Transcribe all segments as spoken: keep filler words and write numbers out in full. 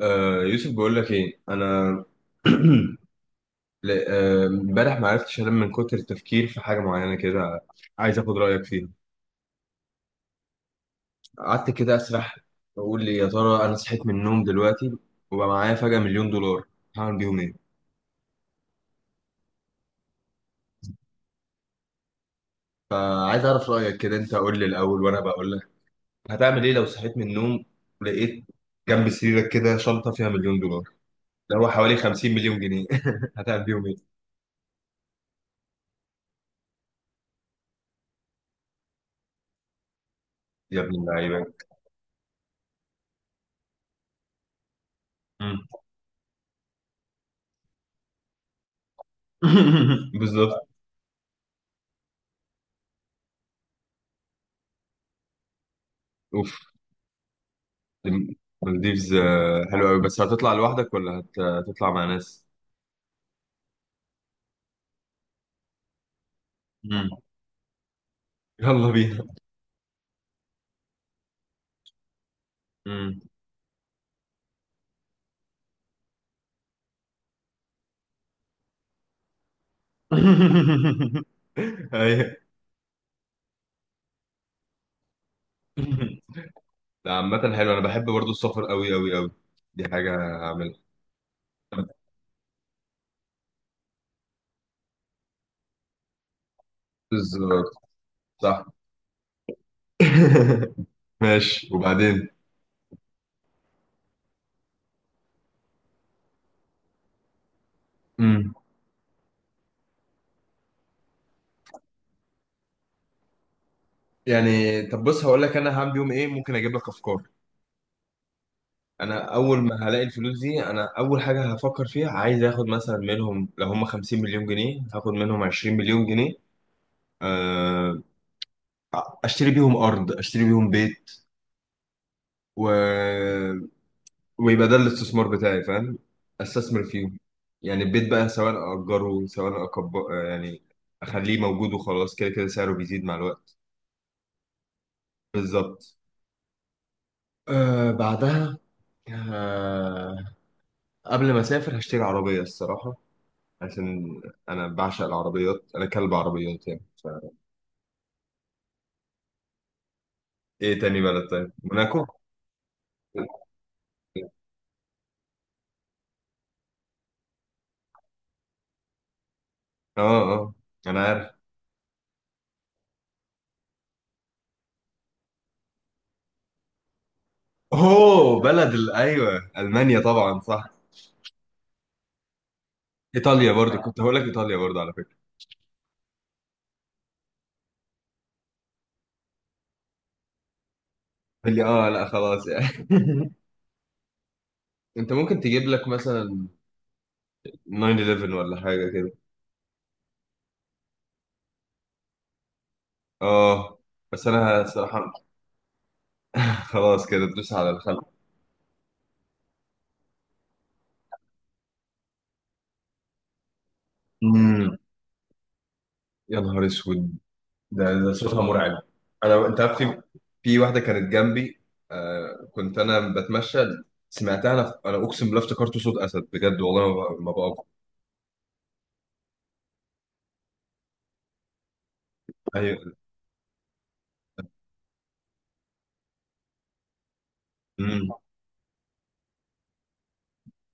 آه يوسف، بقول لك ايه انا. ل- آه، امبارح ما عرفتش انام من كتر التفكير في حاجه معينه كده. عايز اخد رايك فيها. قعدت كده اسرح، اقول لي يا ترى انا صحيت من النوم دلوقتي وبقى معايا فجاه مليون دولار، هعمل بيهم ايه؟ عايز اعرف رايك كده، انت قول لي الاول وانا بقول لك. هتعمل ايه لو صحيت من النوم لقيت جنب سريرك كده شنطه فيها مليون دولار، اللي هو حوالي خمسين مليون جنيه؟ هتعمل بيهم ايه، يا ابن اللعيبه؟ مم. بالظبط. المالديفز آه، حلوة أوي، بس هتطلع لوحدك ولا هت- هتطلع مع ناس؟ مم. يلا بينا. مم. أيوة. لا، عامة حلو، أنا بحب برضو السفر أوي أوي أوي. دي حاجة هعملها. بالظبط. صح. ماشي، وبعدين؟ مم. يعني طب بص، هقول لك أنا هعمل يوم إيه، ممكن أجيب لك أفكار. أنا أول ما هلاقي الفلوس دي، أنا أول حاجة هفكر فيها، عايز آخد مثلا منهم، لو هم خمسين مليون جنيه هاخد منهم عشرين مليون جنيه. آه، اشتري بيهم ارض، اشتري بيهم بيت، و... ويبقى ده الاستثمار بتاعي، فاهم، استثمر فيهم. يعني البيت بقى سواء اجره سواء أكب... آه، يعني اخليه موجود وخلاص، كده كده سعره بيزيد مع الوقت. بالظبط. آه بعدها. آه، قبل ما اسافر هشتري عربية الصراحة، عشان انا بعشق العربيات، انا كلب عربيات يعني ف... ايه تاني بلد؟ طيب موناكو. اه اه، انا عارف. اوه، بلد ال- ايوه المانيا، طبعا صح. ايطاليا برضو آه. كنت هقول لك ايطاليا برضو على فكره. قال لي اه لا خلاص يعني. انت ممكن تجيب لك مثلا تسعه واحد واحد ولا حاجه كده. اه، بس انا الصراحه. خلاص، كده تدوس على الخلق. امم. يا نهار اسود، ده ده صوتها مرعب. انا، انت عارف، في في واحده كانت جنبي، آه كنت انا بتمشى، سمعتها، انا انا اقسم بالله افتكرته صوت اسد بجد. والله ما بقى ما بقى. ايوه. مم.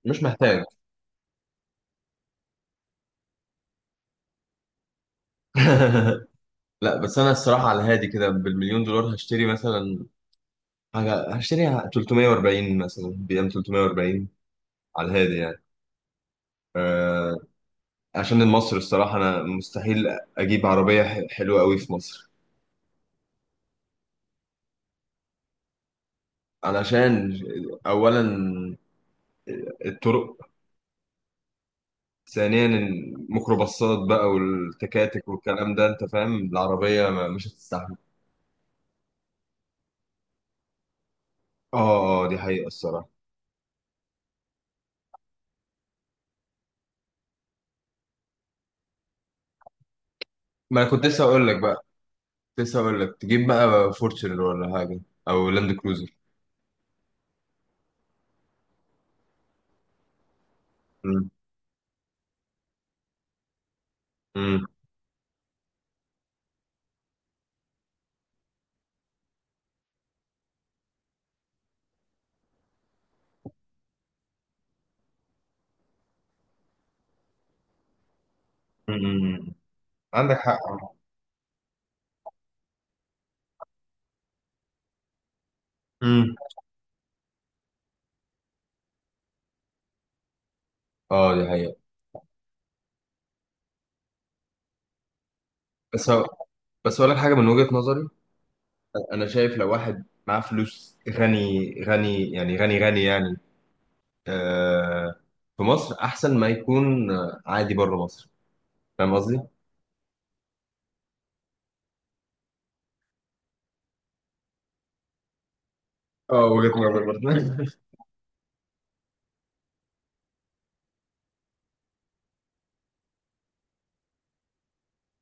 مش محتاج. لا، بس انا الصراحه على هادي كده بالمليون دولار هشتري مثلا حاجه، هشتري ثلاث مية واربعين مثلا، بي ام ثلاثمائة وأربعين على الهادي يعني. أه، عشان المصر الصراحه انا مستحيل اجيب عربيه ح- حلوه قوي في مصر. علشان اولا الطرق، ثانيا الميكروباصات بقى والتكاتك والكلام ده، انت فاهم العربيه ما مش هتستحمل. اه اه، دي حقيقه الصراحه. ما أنا كنت لسه اقول لك بقى، كنت لسه اقول لك تجيب بقى فورتشنر ولا حاجه، او لاند كروزر. امم. امم. عندك حق. امم. اه، دي حقيقة. بس هو- بس اقول لك حاجة من وجهة نظري. انا شايف لو واحد معاه فلوس غني غني يعني، غني غني يعني آه، في مصر احسن ما يكون آه، عادي بره مصر. فاهم قصدي؟ اه، وجهة نظر برضه.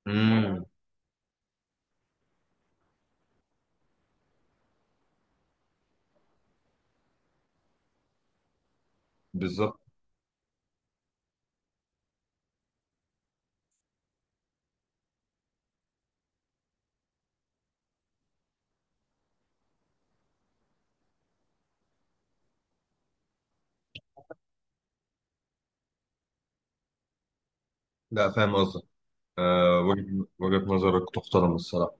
امم. بالظبط. لا، فاهم قصدك. آه، وجهة وجهة نظرك تحترم الصراحة.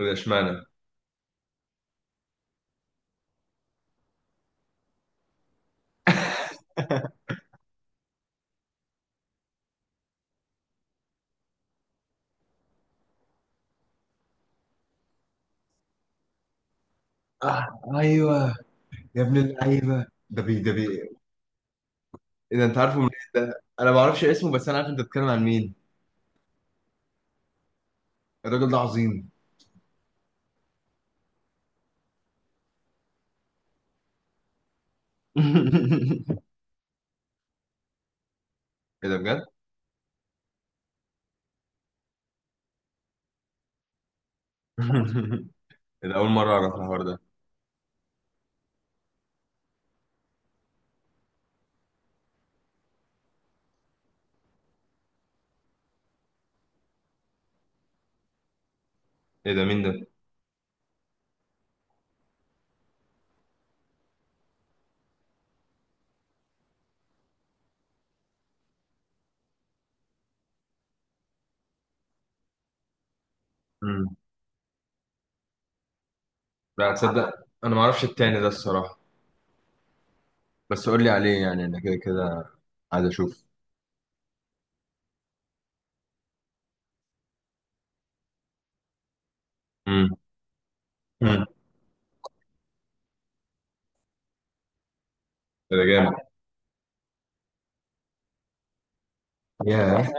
طب اشمعنى؟ آه ايوه. يا ابن اللعيبة، ده بي ده بي. اذا انت عارفه من... ده انا ما اعرفش اسمه، بس انا عارف انت بتتكلم عن مين. الراجل ده عظيم. ايه ده بجد؟ ايه ده، اول مره اعرف الحوار ده. ايه ده، مين ده؟ امم. لا تصدق، انا ما اعرفش التاني ده الصراحه. بس قول لي عليه، يعني انا كده كده عايز اشوف. امم. امم. ايه ده جامد. ياه.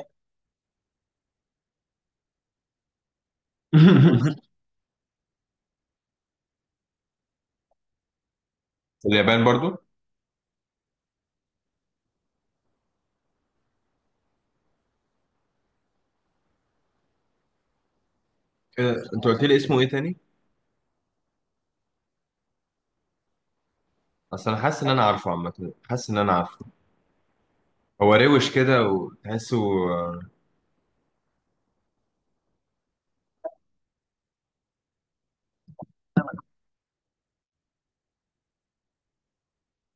اليابان برضو؟ إيه ده؟ انت قلت لي اسمه ايه تاني؟ اصل انا حاسس ان انا عارفه، عامه حاسس ان انا عارفه. هو روش كده وتحسه آه،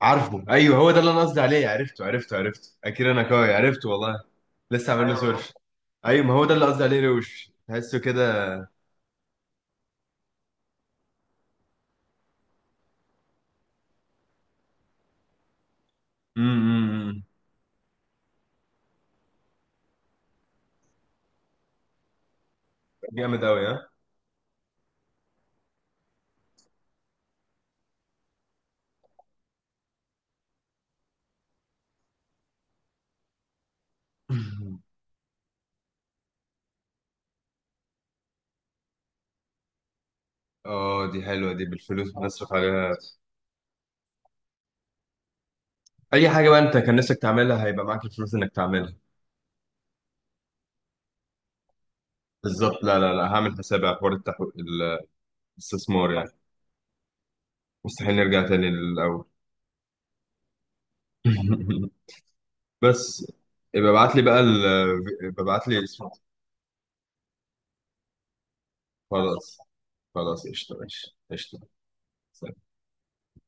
عارفه. ايوه هو ده اللي انا قصدي عليه، عرفته عرفته عرفته اكيد، انا كوي عرفته والله. لسه عامل له سيرش. ايوه، ما هو ده اللي قصدي عليه، روش تحسه كده. امم. جامد قوي ها. اه، دي حلوه دي، بالفلوس بنصرف عليها. اي حاجه بقى انت كان نفسك تعملها، هيبقى معاك الفلوس انك تعملها. بالظبط. لا لا لا، هعمل حسابي على حوار التحو... الاستثمار يعني. مستحيل نرجع تاني للاول. بس يبقى ابعت لي بقى ال... ابعت لي اسمه. خلاص، خلاص قشطه، ماشي قشطه.